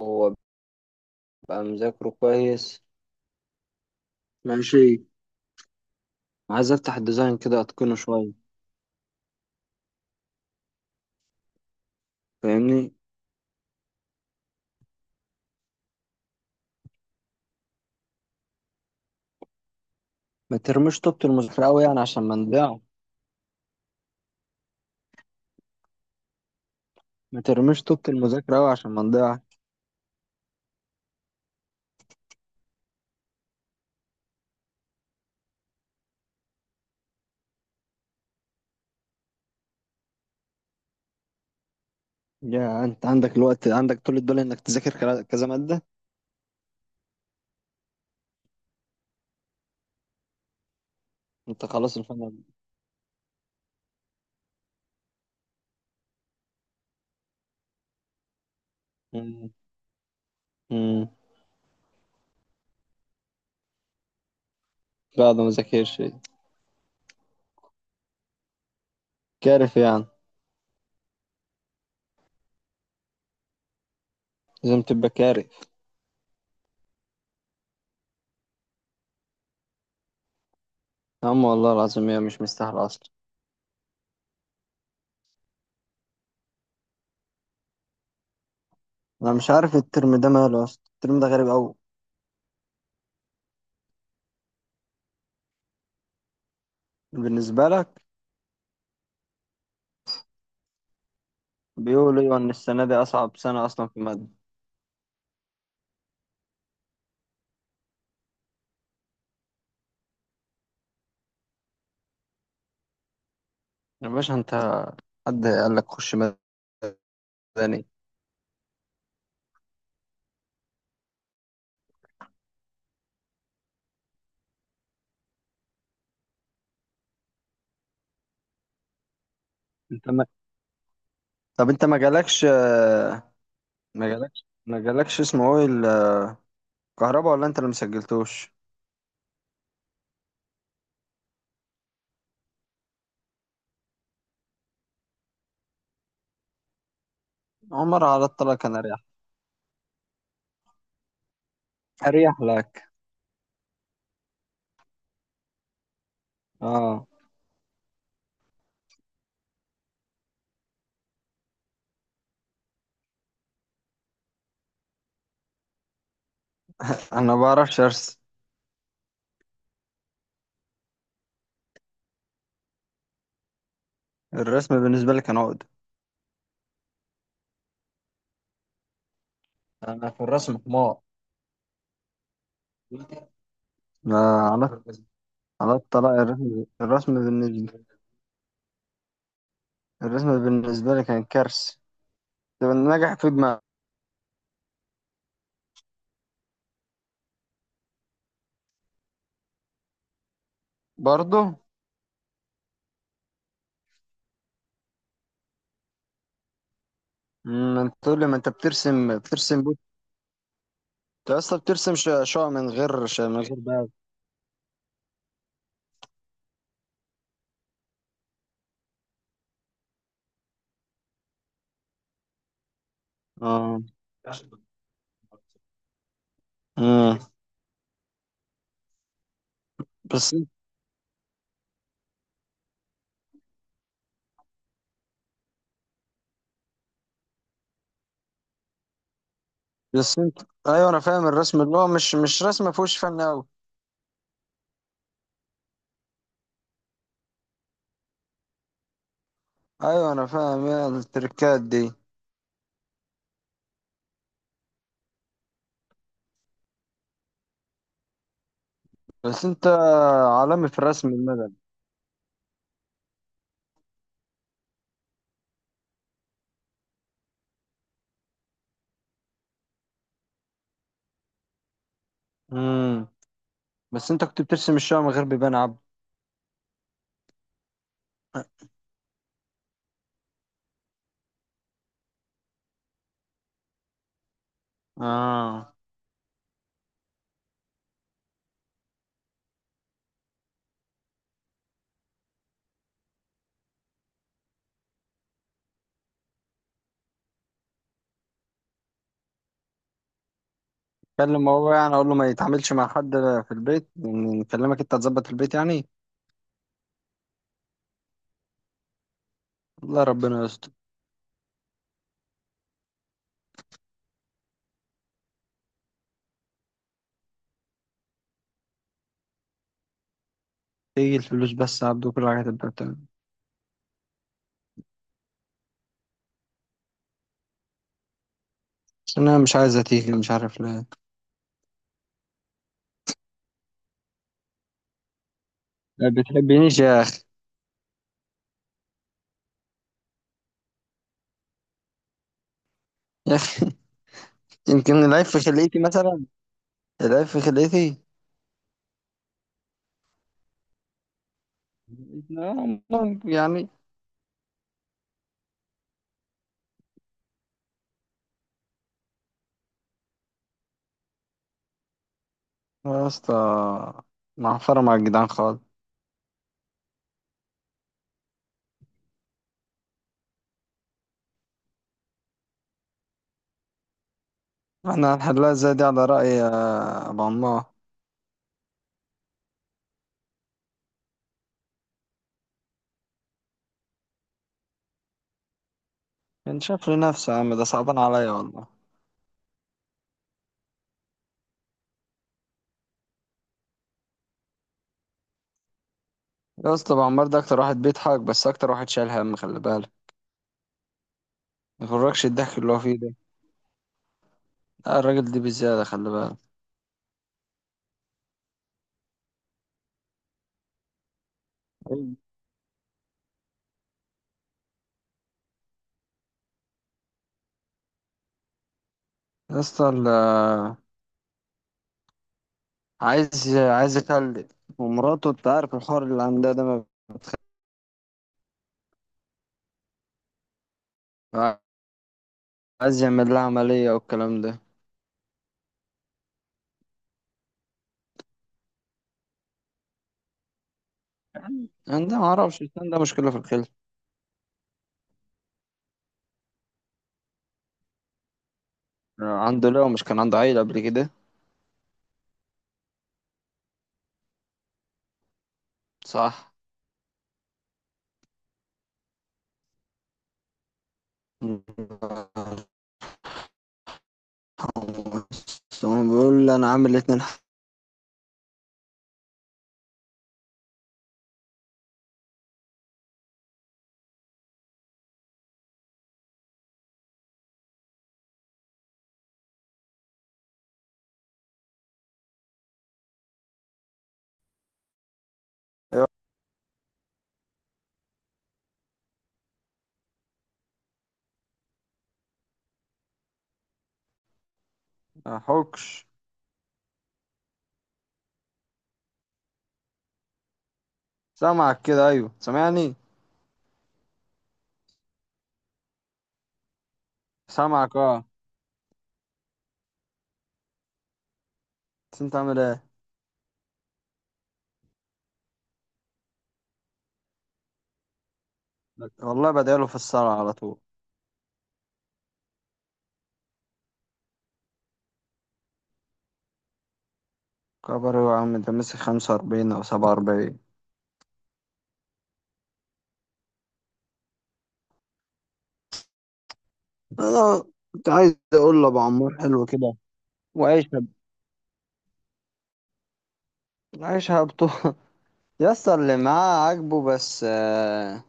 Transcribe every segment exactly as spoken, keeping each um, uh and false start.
هو بقى مذاكره كويس. ماشي. عايز افتح الديزاين كده اتقنه شويه. فاهمني؟ ما ترميش طوبة المذاكره قوي يعني عشان ما نضيع. ما ترميش طوبة المذاكره قوي عشان ما نضيع. يا انت عندك الوقت، عندك طول الدول انك تذاكر كلا- كذا ماده. انت خلاص الفن. مم. مم. لا ده ما ذاكرش كارف يعني. لازم تبقى كارف. يا عم والله العظيم هي مش مستاهله اصلا. انا مش عارف الترم ده ماله اصلا، الترم ده غريب قوي. بالنسبه لك؟ بيقولوا ايوه ان السنه دي اصعب سنه اصلا في الماده. يا باشا انت، حد قال لك خش مدني؟ انت ما... طب انت ما جالكش آه، ما جالكش ما جالكش اسمه ايه، الكهرباء، ولا انت اللي مسجلتوش؟ عمر على الطلاق كان اريح، اريح لك. اه. انا ما بعرفش ارسم. الرسم بالنسبه لي كان عقد. انا في الرسم حمار. لا، على على الطلاق. الرسم الرسم بالنسبه الرسم بالنسبه لي كان كارثه. طب النجح في دماغي. برضه. ما انت تقول لي ما انت بترسم بترسم. انت اصلا بترسم ش- شقق من غير ش- من غير بقى. اه. امم. بس انت- بس انت، ايوه انا فاهم الرسم اللي هو مش مش رسم، ما فيهوش فن قوي. ايوه انا فاهم يا التركات دي. بس انت عالمي في الرسم المدني. امم. بس انت كنت بترسم الشقق من غير بيبان عبد. اه. كلم هو يعني اقول له ما يتعاملش مع حد في البيت، يعني نكلمك انت تظبط البيت يعني. الله ربنا يستر. تيجي الفلوس بس يا عبد وكل حاجه تبقى تمام. بس انا مش عايزه تيجي، مش عارف ليه. ما بتحبنيش. يا أخي. يمكن العيب في خليتي مثلا. العيب في خليتي. آه، ممكن يعني. يا اسطى معفرة مع الجدعان خالص. احنا هنحلها ازاي دي على رأي آه، أبو عمار؟ كان شاف لنفسه يا عم، ده صعبان عليا والله. يا اسطى أبو عمار ده أكتر واحد بيضحك، بس أكتر واحد شايل هم، خلي بالك. ما يغركش الضحك اللي هو فيه ده. لا الراجل ده بزيادة، خلي بالك. أيوة. يا اسطى ال- آه، عايز عايز يخلف، ومراته انت عارف الحوار اللي عندها ده. ما- عايز يعمل لها عملية والكلام ده. عنده، ما اعرفش، ده مشكله في الخلف. عنده، لو مش كان عنده عيله قبل كده. صح. ثم بيقول لي انا عامل اتنين. حقوق. ما حكش. سامعك كده، ايوه سامعني. سامعك اه. بس انت عامل ايه؟ والله بداله في الصلاه على طول. كبر يا عم، انت ماسك خمسة وأربعين او سبعة وأربعون. انا كنت عايز اقول لابو عمار حلو كده. وعيشها، عيشها بطول. يسطا اللي معاه عاجبه بس. آه،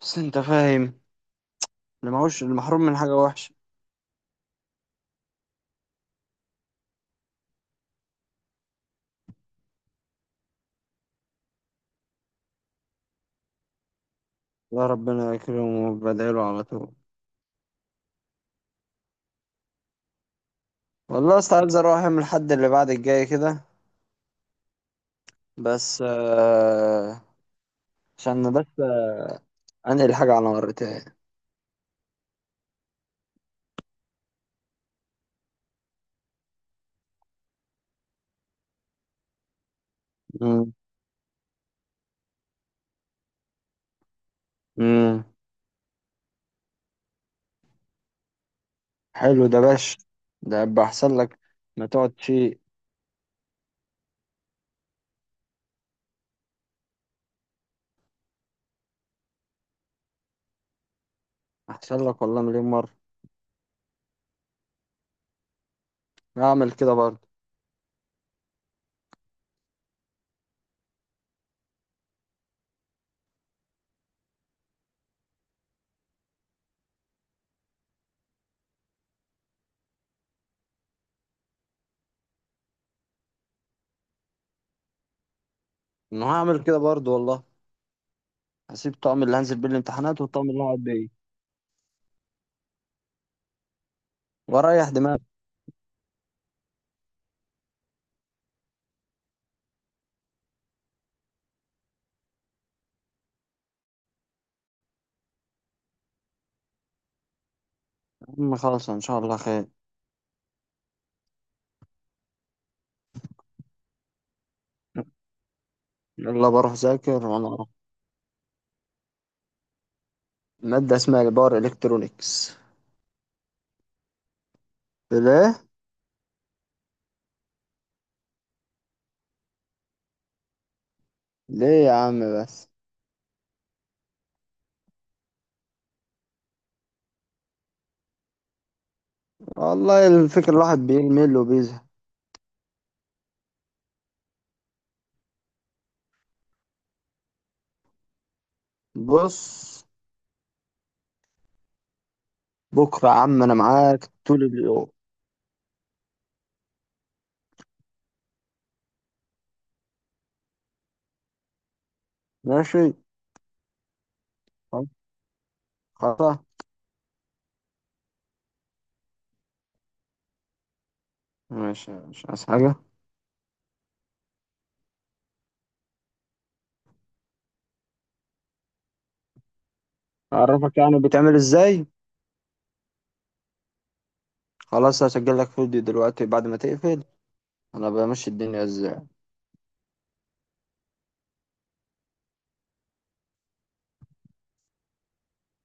بس انت فاهم، اللي ماهوش المحروم من حاجة وحشة. لا ربنا يكرمه وبدعيله على طول. والله يا اسطى عايز اروح اعمل الحد اللي بعد الجاي كده. بس آه عشان بس انقل حاجة على مرتين. مم. مم. حلو ده باش. ده يبقى احسن لك. ما تقعد شيء. احسن لك والله مليون مرة. هعمل كده برضه. انا هعمل كده برضه والله. هسيب الطقم اللي هنزل بيه الامتحانات والطقم اللي هقعد بيه واريح دماغي. يا عم خالص ان شاء الله خير. يلا بروح ذاكر وانا اروح. مادة اسمها باور الكترونكس. ليه؟ ليه يا عم بس. والله الفكرة الواحد بيمل وبيزهق. بص، بكرة يا عم أنا معاك طول اليوم. ماشي. خلاص. خلاص. ماشي، مش عايز حاجة. أعرفك يعني بتعمل إزاي. خلاص، هسجل لك فيديو دلوقتي بعد ما تقفل أنا بمشي الدنيا إزاي.